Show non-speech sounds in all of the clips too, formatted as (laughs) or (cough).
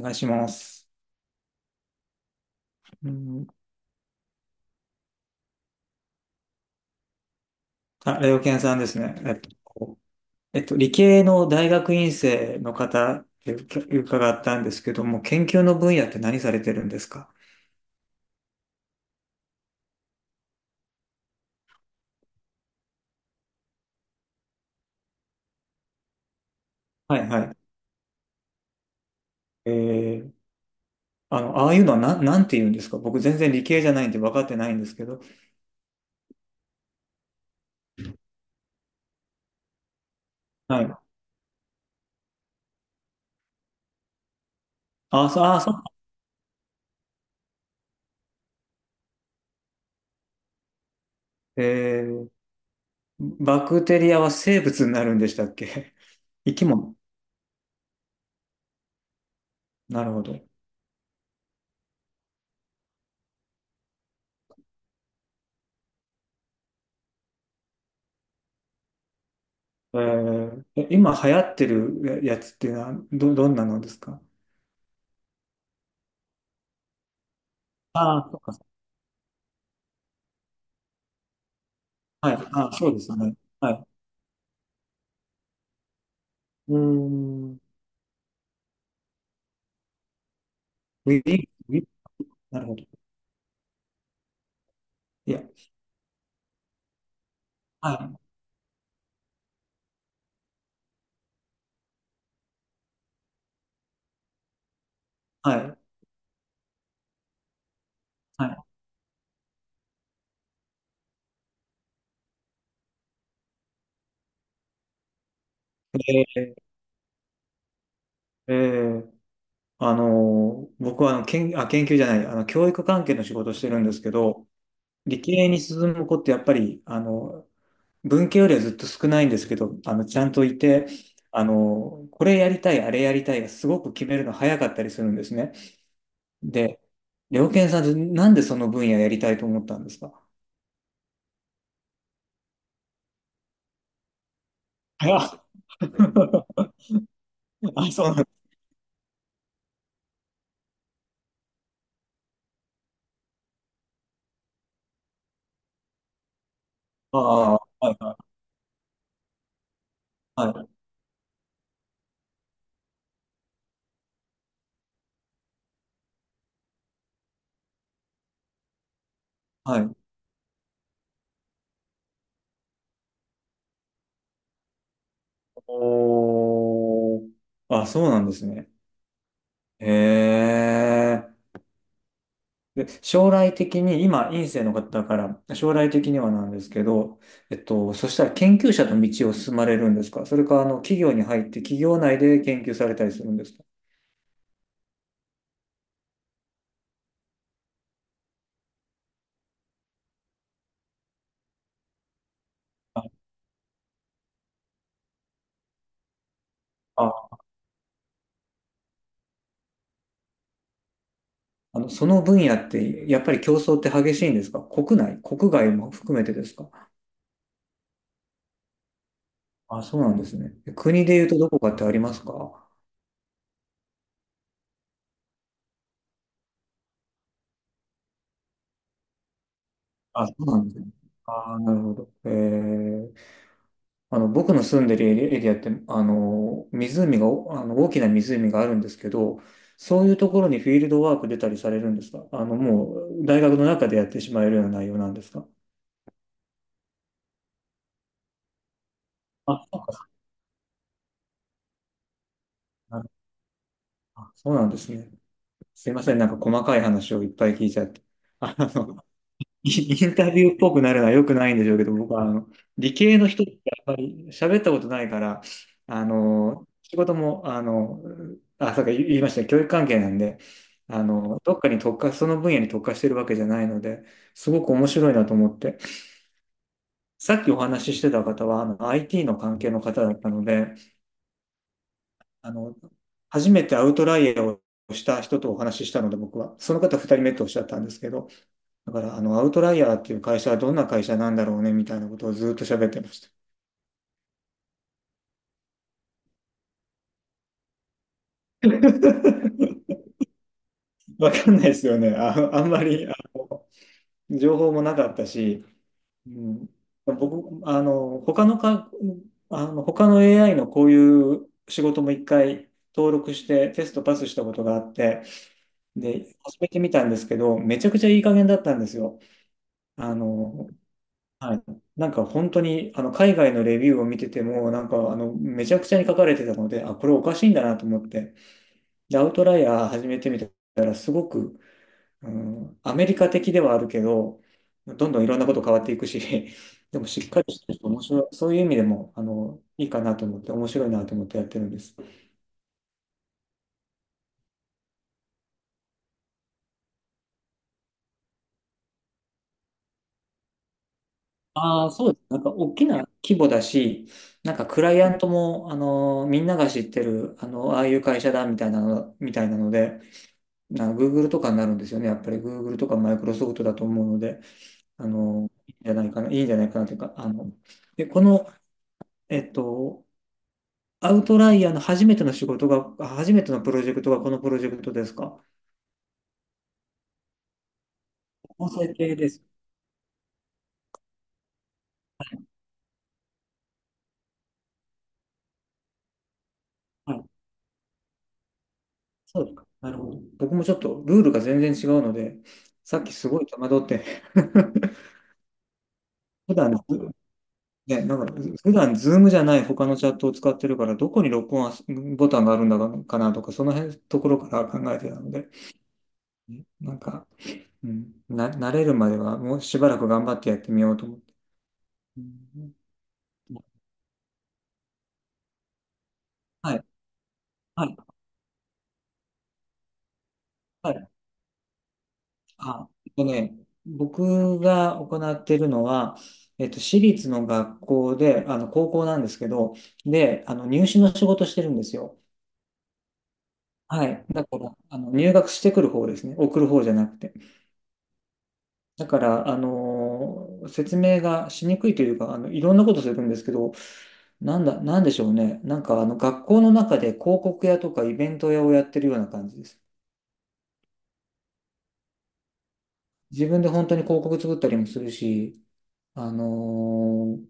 お願いします。うん、あ、レオケンさんですね。理系の大学院生の方って伺ったんですけども、研究の分野って何されてるんですか？はいはい。えー、ああいうのはなんて言うんですか？僕全然理系じゃないんで分かってないんですけど。はい。あ、そう、あ、そう。えー、バクテリアは生物になるんでしたっけ？ (laughs) 生き物。なるほど。今流行ってるやつっていうのはどんなのですか？ああー、そうか。はい。あ、そうですね。はい。うーん。ウィリウィ。なるほど。いや、はい。はい。はい。ーえー僕は研究じゃない、教育関係の仕事をしてるんですけど、理系に進む子ってやっぱり、文系よりはずっと少ないんですけど、ちゃんといて、これやりたい、あれやりたいがすごく決めるの早かったりするんですね。で、良健さん、なんでその分野やりたいと思ったんですか？早っ。 (laughs) あ、そう。ああ、はいはいはい。はい。おー。あ、そうなんですね。へえ。で、将来的に、今、院生の方だから、将来的にはなんですけど、そしたら研究者の道を進まれるんですか？それか、企業に入って、企業内で研究されたりするんですか？あ、あその分野って、やっぱり競争って激しいんですか？国内、国外も含めてですか？あ、そうなんですね。国で言うとどこかってありますか？あ、そうなんですね。ああ、なるほど。僕の住んでるエリアって、湖が、おあの、大きな湖があるんですけど、そういうところにフィールドワーク出たりされるんですか？もう、大学の中でやってしまえるような内容なんですか？あ、そうか。なるあそうなんですね。すいません。なんか細かい話をいっぱい聞いちゃって。あの、インタビューっぽくなるのは良くないんでしょうけど、僕は理系の人ってあんまり喋ったことないから、仕事も、さっき言いましたね、教育関係なんで、どっかに特化、その分野に特化してるわけじゃないので、すごく面白いなと思って、さっきお話ししてた方は、IT の関係の方だったので、あの、初めてアウトライヤーをした人とお話ししたので、僕は、その方2人目とおっしゃったんですけど、だから、アウトライヤーっていう会社はどんな会社なんだろうね、みたいなことをずっと喋ってました。(laughs) わかんないですよね。あ、あんまり情報もなかったし、うん、僕、他の AI のこういう仕事も一回登録してテストパスしたことがあって、で、始めてみたんですけど、めちゃくちゃいい加減だったんですよ。あの、はい。なんか本当に、海外のレビューを見てても、なんか、めちゃくちゃに書かれてたので、あ、これおかしいんだなと思って、で、アウトライヤー始めてみたら、すごく、うん、アメリカ的ではあるけど、どんどんいろんなこと変わっていくし、(laughs) でもしっかりしてると面白い、そういう意味でも、いいかなと思って、面白いなと思ってやってるんです。ああ、そうです。なんか大きな規模だし、なんかクライアントも、みんなが知ってる、ああいう会社だみたいなの、みたいなので、Google とかになるんですよね。やっぱり Google とか Microsoft だと思うので、いいんじゃないかな、いいんじゃないかなというか、で、この、えっと、アウトライヤーの初めての仕事が、あ初めてのプロジェクトがこのプロジェクトですか？音声系です。はい、そうですか。なるほど。僕もちょっとルールが全然違うので、さっきすごい戸惑って (laughs) 普段、ね、なんか、普段、ズームじゃない他のチャットを使ってるから、どこに録音ボタンがあるんだかなとか、その辺のところから考えてたので、なんか、うん、慣れるまではもうしばらく頑張ってやってみようと思って。うん。はい、はい、はい。あ、僕が行っているのは、私立の学校で、高校なんですけど、で、入試の仕事してるんですよ。はい。だから、入学してくる方ですね。送る方じゃなくて。だから、説明がしにくいというか、いろんなことするんですけど、なんでしょうね。なんか、学校の中で広告屋とかイベント屋をやってるような感じです。自分で本当に広告作ったりもするし、あのー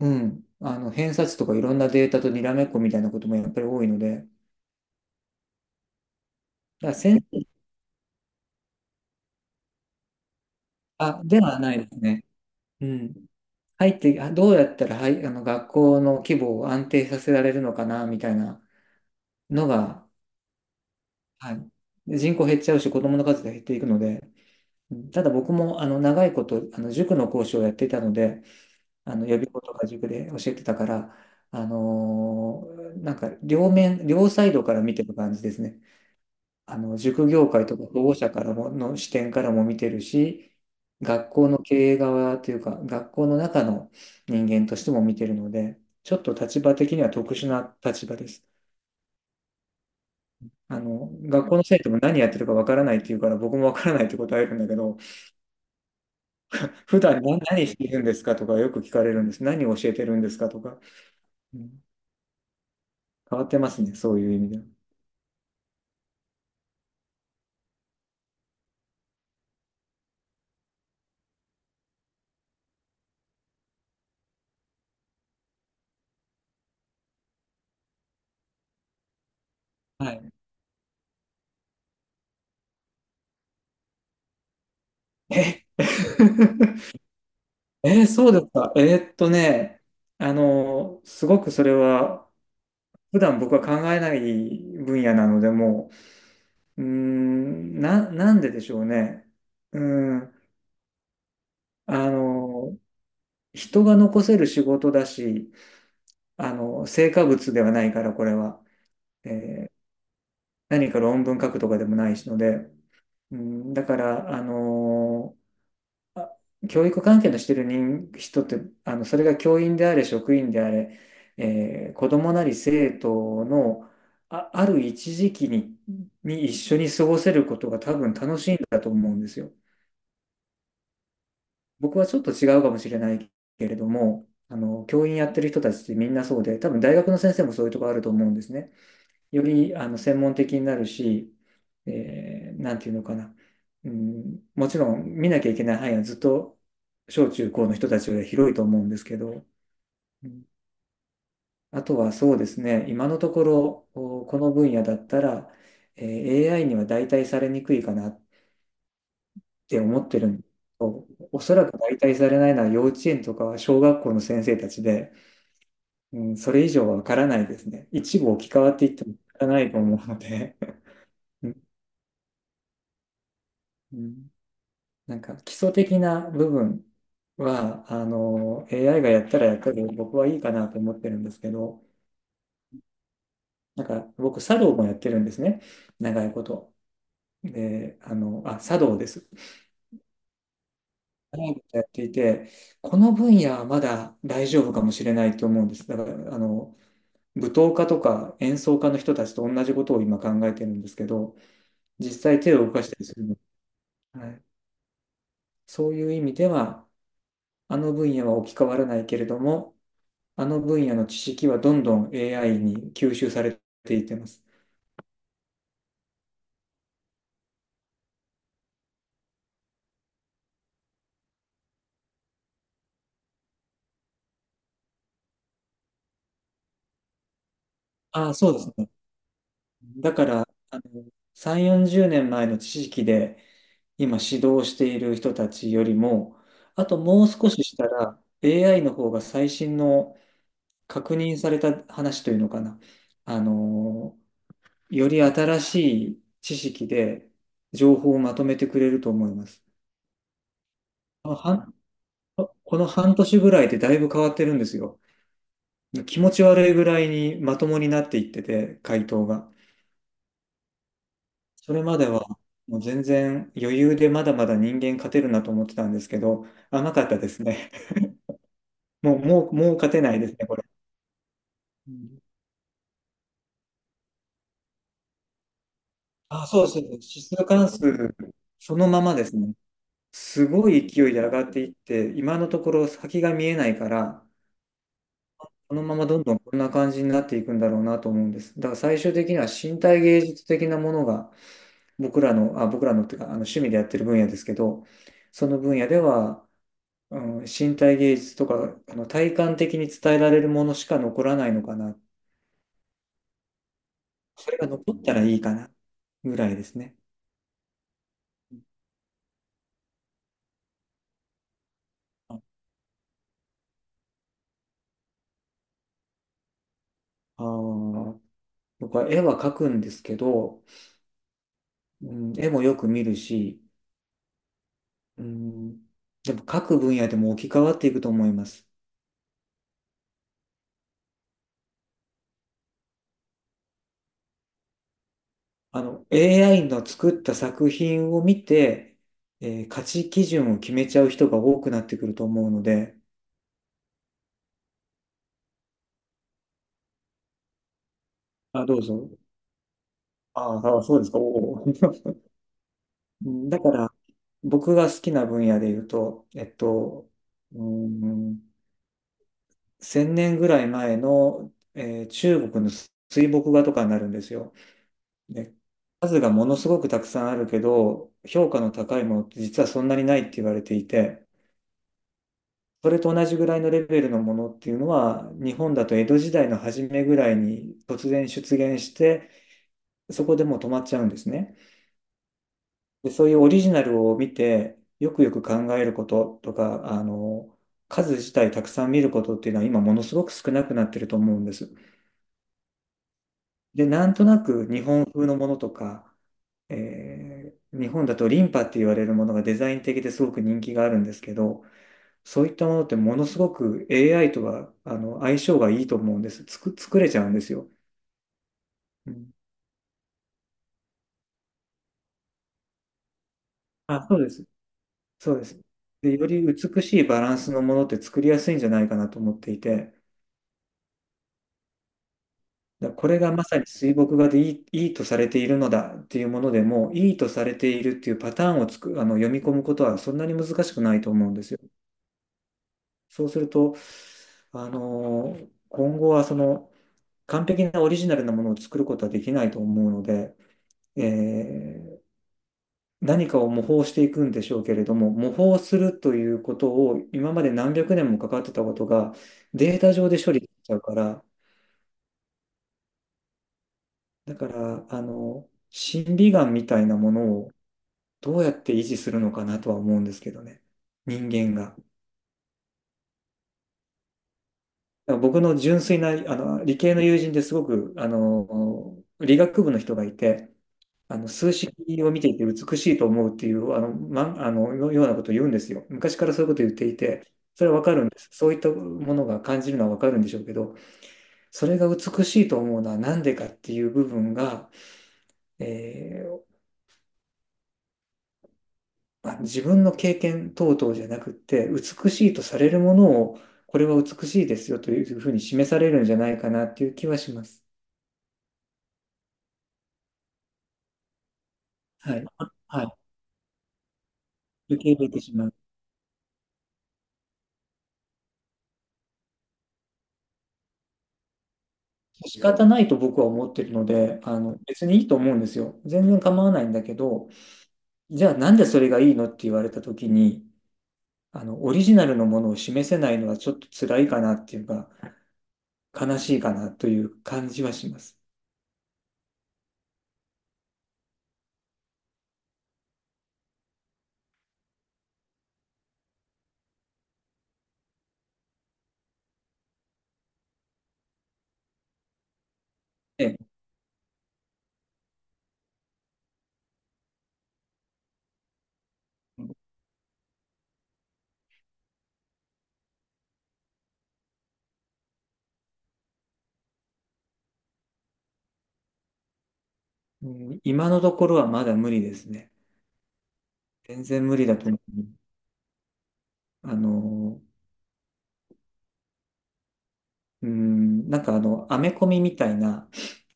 うん、偏差値とかいろんなデータとにらめっこみたいなこともやっぱり多いので、だからではないですね。うん。入って、あどうやったら、はい、学校の規模を安定させられるのかな、みたいなのが、はい。で、人口減っちゃうし、子供の数が減っていくので、うん。ただ僕も長いこと塾の講師をやっていたので、予備校とか塾で教えてたから、なんか両面、両サイドから見てる感じですね。塾業界とか保護者からもの視点からも見てるし、学校の経営側というか、学校の中の人間としても見てるので、ちょっと立場的には特殊な立場です。学校の生徒も何やってるかわからないって言うから、僕もわからないって答えるんだけど、普段何してるんですかとかよく聞かれるんです。何を教えてるんですかとか。うん。変わってますね、そういう意味では。はい。え、(laughs) そうですか。ーっとね、すごくそれは、普段僕は考えない分野なので、もう、なんででしょうね。うーん、あの、人が残せる仕事だし、成果物ではないから、これは。えー何か論文書くとかでもないしので、うん、だから、あ教育関係のしてる人って、それが教員であれ、職員であれ、子供なり生徒の、ある一時期に、一緒に過ごせることが多分楽しいんだと思うんですよ。僕はちょっと違うかもしれないけれども、教員やってる人たちってみんなそうで、多分大学の先生もそういうとこあると思うんですね。より専門的になるし、なんていうのかな、うん、もちろん見なきゃいけない範囲はずっと小中高の人たちより広いと思うんですけど、うん、あとはそうですね、今のところこの分野だったら、えAI には代替されにくいかなって思ってるんですけど、おそらく代替されないのは幼稚園とか小学校の先生たちで、うん、それ以上はわからないですね。一部置き換わっていってもわからないと思うので。(laughs) うんうん、なんか基礎的な部分は、AI がやったらやったで僕はいいかなと思ってるんですけど、なんか僕、茶道もやってるんですね。長いこと。で、茶道です。長いことやっていて、この分野はまだ大丈夫かもしれないと思うんです。だから、舞踏家とか演奏家の人たちと同じことを今考えてるんですけど、実際手を動かしたりするの。はい。そういう意味では、あの分野は置き換わらないけれども、あの分野の知識はどんどん AI に吸収されていってます。ああ、そうですね。だから、3、40年前の知識で今指導している人たちよりも、あともう少ししたら AI の方が最新の確認された話というのかな。あの、より新しい知識で情報をまとめてくれると思います。あの半この半年ぐらいでだいぶ変わってるんですよ。気持ち悪いぐらいにまともになっていってて、回答が。それまではもう全然余裕でまだまだ人間勝てるなと思ってたんですけど、甘かったですね。(laughs) もう、もう、もう勝てないですね、これ。うん、あ、そうそう、指数関数、そのままですね。すごい勢いで上がっていって、今のところ先が見えないから、このままどんどんこんな感じになっていくんだろうなと思うんです。だから最終的には身体芸術的なものが僕らのっていうか、趣味でやってる分野ですけど、その分野では、うん、身体芸術とか、体感的に伝えられるものしか残らないのかな。それが残ったらいいかな、ぐらいですね。ああー、僕は絵は描くんですけど、うん、絵もよく見るし、うん、でも描く分野でも置き換わっていくと思います。AI の作った作品を見て、価値基準を決めちゃう人が多くなってくると思うので、あ、どうぞ。ああ、そうですか。おお。(laughs) うん、だから、僕が好きな分野で言うと、うーん、1000年ぐらい前の、中国の水墨画とかになるんですよ。で、数がものすごくたくさんあるけど、評価の高いものって実はそんなにないって言われていて、それと同じぐらいのレベルのものっていうのは、日本だと江戸時代の初めぐらいに突然出現して、そこでもう止まっちゃうんですね。で、そういうオリジナルを見て、よくよく考えることとか、数自体たくさん見ることっていうのは今ものすごく少なくなってると思うんです。で、なんとなく日本風のものとか、日本だとリンパって言われるものがデザイン的ですごく人気があるんですけど、そういったものってものすごく AI とは相性がいいと思うんです。作れちゃうんですよ。うん、あ、そうです。そうです。で、より美しいバランスのものって作りやすいんじゃないかなと思っていて、これがまさに水墨画でいいとされているのだっていうものでも、いいとされているっていうパターンをつく、あの読み込むことはそんなに難しくないと思うんですよ。そうすると、今後はその完璧なオリジナルなものを作ることはできないと思うので、えー何かを模倣していくんでしょうけれども、模倣するということを今まで何百年もかかってたことがデータ上で処理しちゃうから、だから、審美眼みたいなものをどうやって維持するのかなとは思うんですけどね。人間が。だから僕の純粋な、理系の友人ですごく、理学部の人がいて、数式を見ていて美しいと思うっていう、あの、ま、あの、ようなことを言うんですよ。昔からそういうことを言っていて、それはわかるんです。そういったものが感じるのはわかるんでしょうけど、それが美しいと思うのはなんでかっていう部分が、えまあ、自分の経験等々じゃなくって、美しいとされるものを、これは美しいですよというふうに示されるんじゃないかなっていう気はします。はい。はい。受け入れてしまう。仕方ないと僕は思ってるので、別にいいと思うんですよ。全然構わないんだけど、じゃあなんでそれがいいのって言われた時に、オリジナルのものを示せないのはちょっと辛いかなっていうか、悲しいかなという感じはします。ええ、うん、今のところはまだ無理ですね。全然無理だと思う。あの、うん、なんかアメコミみたいな、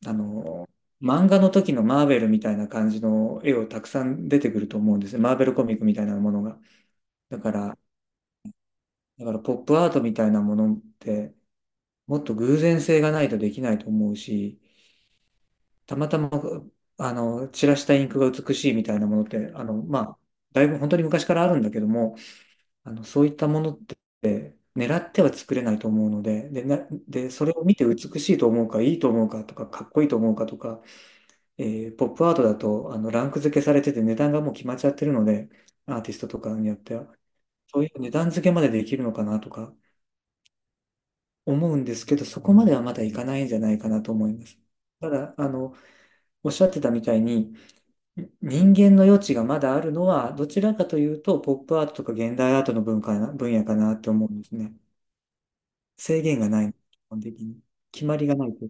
あの、漫画の時のマーベルみたいな感じの絵をたくさん出てくると思うんですよ。マーベルコミックみたいなものが。だから、ポップアートみたいなものって、もっと偶然性がないとできないと思うし、たまたま、散らしたインクが美しいみたいなものって、まあ、だいぶ本当に昔からあるんだけども、そういったものって狙っては作れないと思うので、で、それを見て美しいと思うか、いいと思うかとか、かっこいいと思うかとか、ポップアートだと、ランク付けされてて値段がもう決まっちゃってるので、アーティストとかによっては、そういう値段付けまでできるのかなとか思うんですけど、そこまではまだいかないんじゃないかなと思います。ただ、おっしゃってたみたいに、人間の余地がまだあるのは、どちらかというと、ポップアートとか現代アートの文化な、分野かなって思うんですね。制限がない、基本的に。決まりがないと。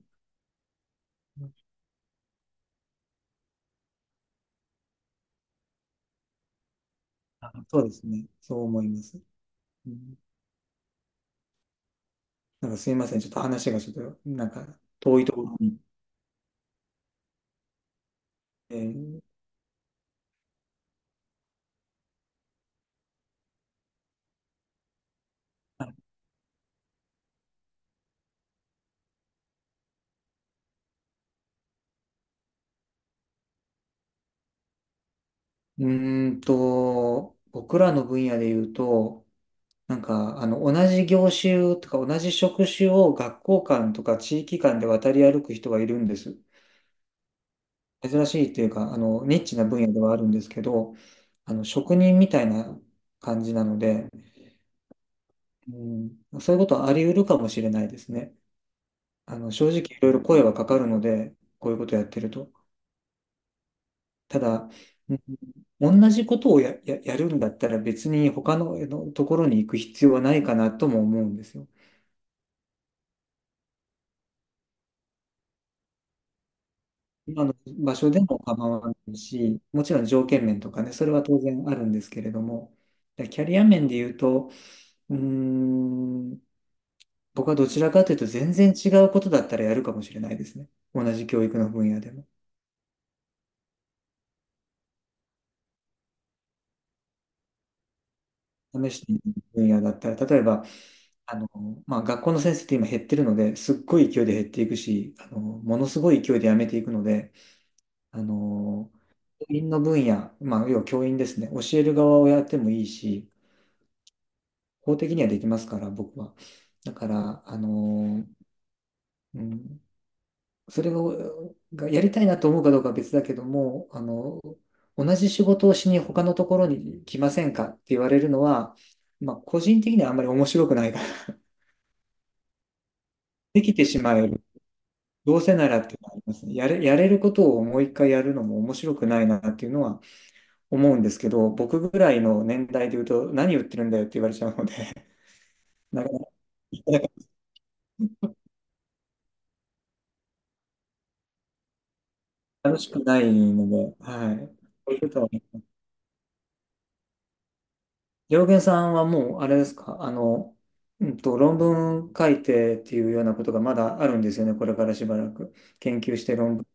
あ、そうですね。そう思います。うん、なんかすいません。ちょっと話がちょっと、なんか遠いところに。えー、僕らの分野で言うと、なんか、同じ業種とか同じ職種を学校間とか地域間で渡り歩く人がいるんです。珍しいっていうか、ニッチな分野ではあるんですけど、職人みたいな感じなので、うん、そういうことはあり得るかもしれないですね。正直いろいろ声はかかるので、こういうことやってると。ただ、うん同じことをやるんだったら別に他の、あのところに行く必要はないかなとも思うんですよ。今の場所でも構わないし、もちろん条件面とかね、それは当然あるんですけれども、でキャリア面で言うと、うーん、僕はどちらかというと全然違うことだったらやるかもしれないですね。同じ教育の分野でも。試してみる分野だったら、例えば、あの、まあ、学校の先生って今減ってるので、すっごい勢いで減っていくし、ものすごい勢いで辞めていくので、あの、教員の分野、まあ、要は教員ですね、教える側をやってもいいし、法的にはできますから、僕は。だから、うん、それを、がやりたいなと思うかどうかは別だけども、同じ仕事をしに他のところに来ませんかって言われるのは、まあ、個人的にはあんまり面白くないから、(laughs) できてしまえどうせならっていうのはありますね。やれることをもう一回やるのも面白くないなっていうのは思うんですけど、僕ぐらいの年代で言うと、何言ってるんだよって言われちゃうので、(laughs) なかなか楽しくないので、はい。そういうことはね。良源さんはもう、あれですか、論文書いてっていうようなことがまだあるんですよね、これからしばらく。研究して論文。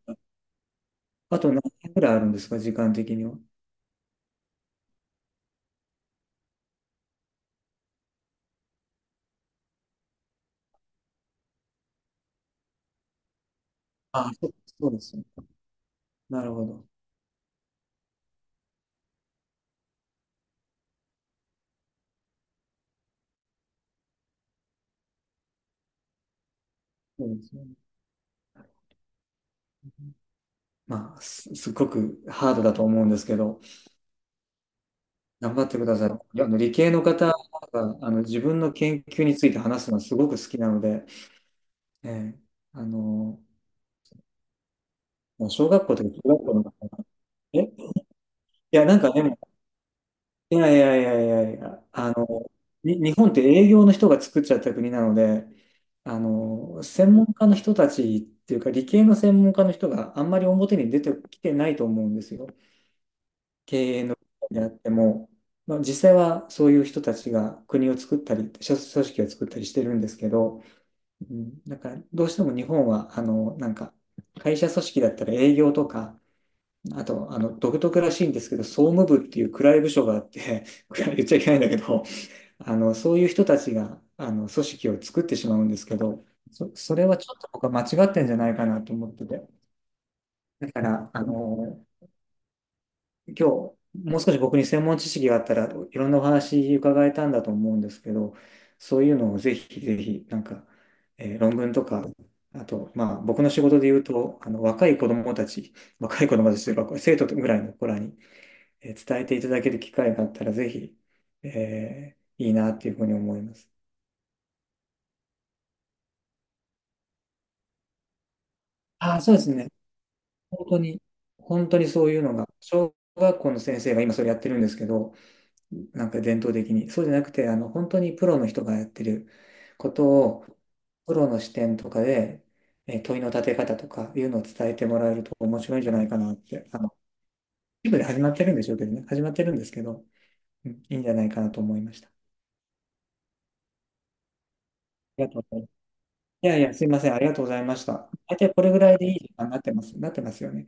あと何年ぐらいあるんですか、時間的には。あ、そうですね。なるほど。そうですね。まあ、すっごくハードだと思うんですけど、頑張ってください。いやあの理系の方があの自分の研究について話すのはすごく好きなので、ええあの、もう小学校とか中学校の方が、え、いや、なんかでも、いやいやいやいやいや、日本って営業の人が作っちゃった国なので、専門家の人たちっていうか、理系の専門家の人があんまり表に出てきてないと思うんですよ。であっても、まあ、実際はそういう人たちが国を作ったり、組織を作ったりしてるんですけど、うん、なんかどうしても日本は、会社組織だったら営業とか、あと、独特らしいんですけど、総務部っていう暗い部署があって、(laughs) 暗い言っちゃいけないんだけど、そういう人たちが、組織を作ってしまうんですけど、それはちょっと僕は間違ってんじゃないかなと思ってて。だから、今日、もう少し僕に専門知識があったらいろんなお話伺えたんだと思うんですけど、そういうのをぜひぜひ、えー論文とか、あと、まあ、僕の仕事で言うと、若い子供たちというか、これ生徒ぐらいの子らに、えー伝えていただける機会があったら、ぜひ、えーいいなっていうふうに思います。ああ、そうですね。本当に、本当にそういうのが、小学校の先生が今それやってるんですけど、なんか伝統的に。そうじゃなくて、本当にプロの人がやってることを、プロの視点とかで、えー問いの立て方とかいうのを伝えてもらえると面白いんじゃないかなって、一部で始まってるんでしょうけどね、始まってるんですけど、うん、いいんじゃないかなと思いました。ありがとうございます。いやいや、すいません、ありがとうございました。大体これぐらいでいい時間になってます、なってますよね。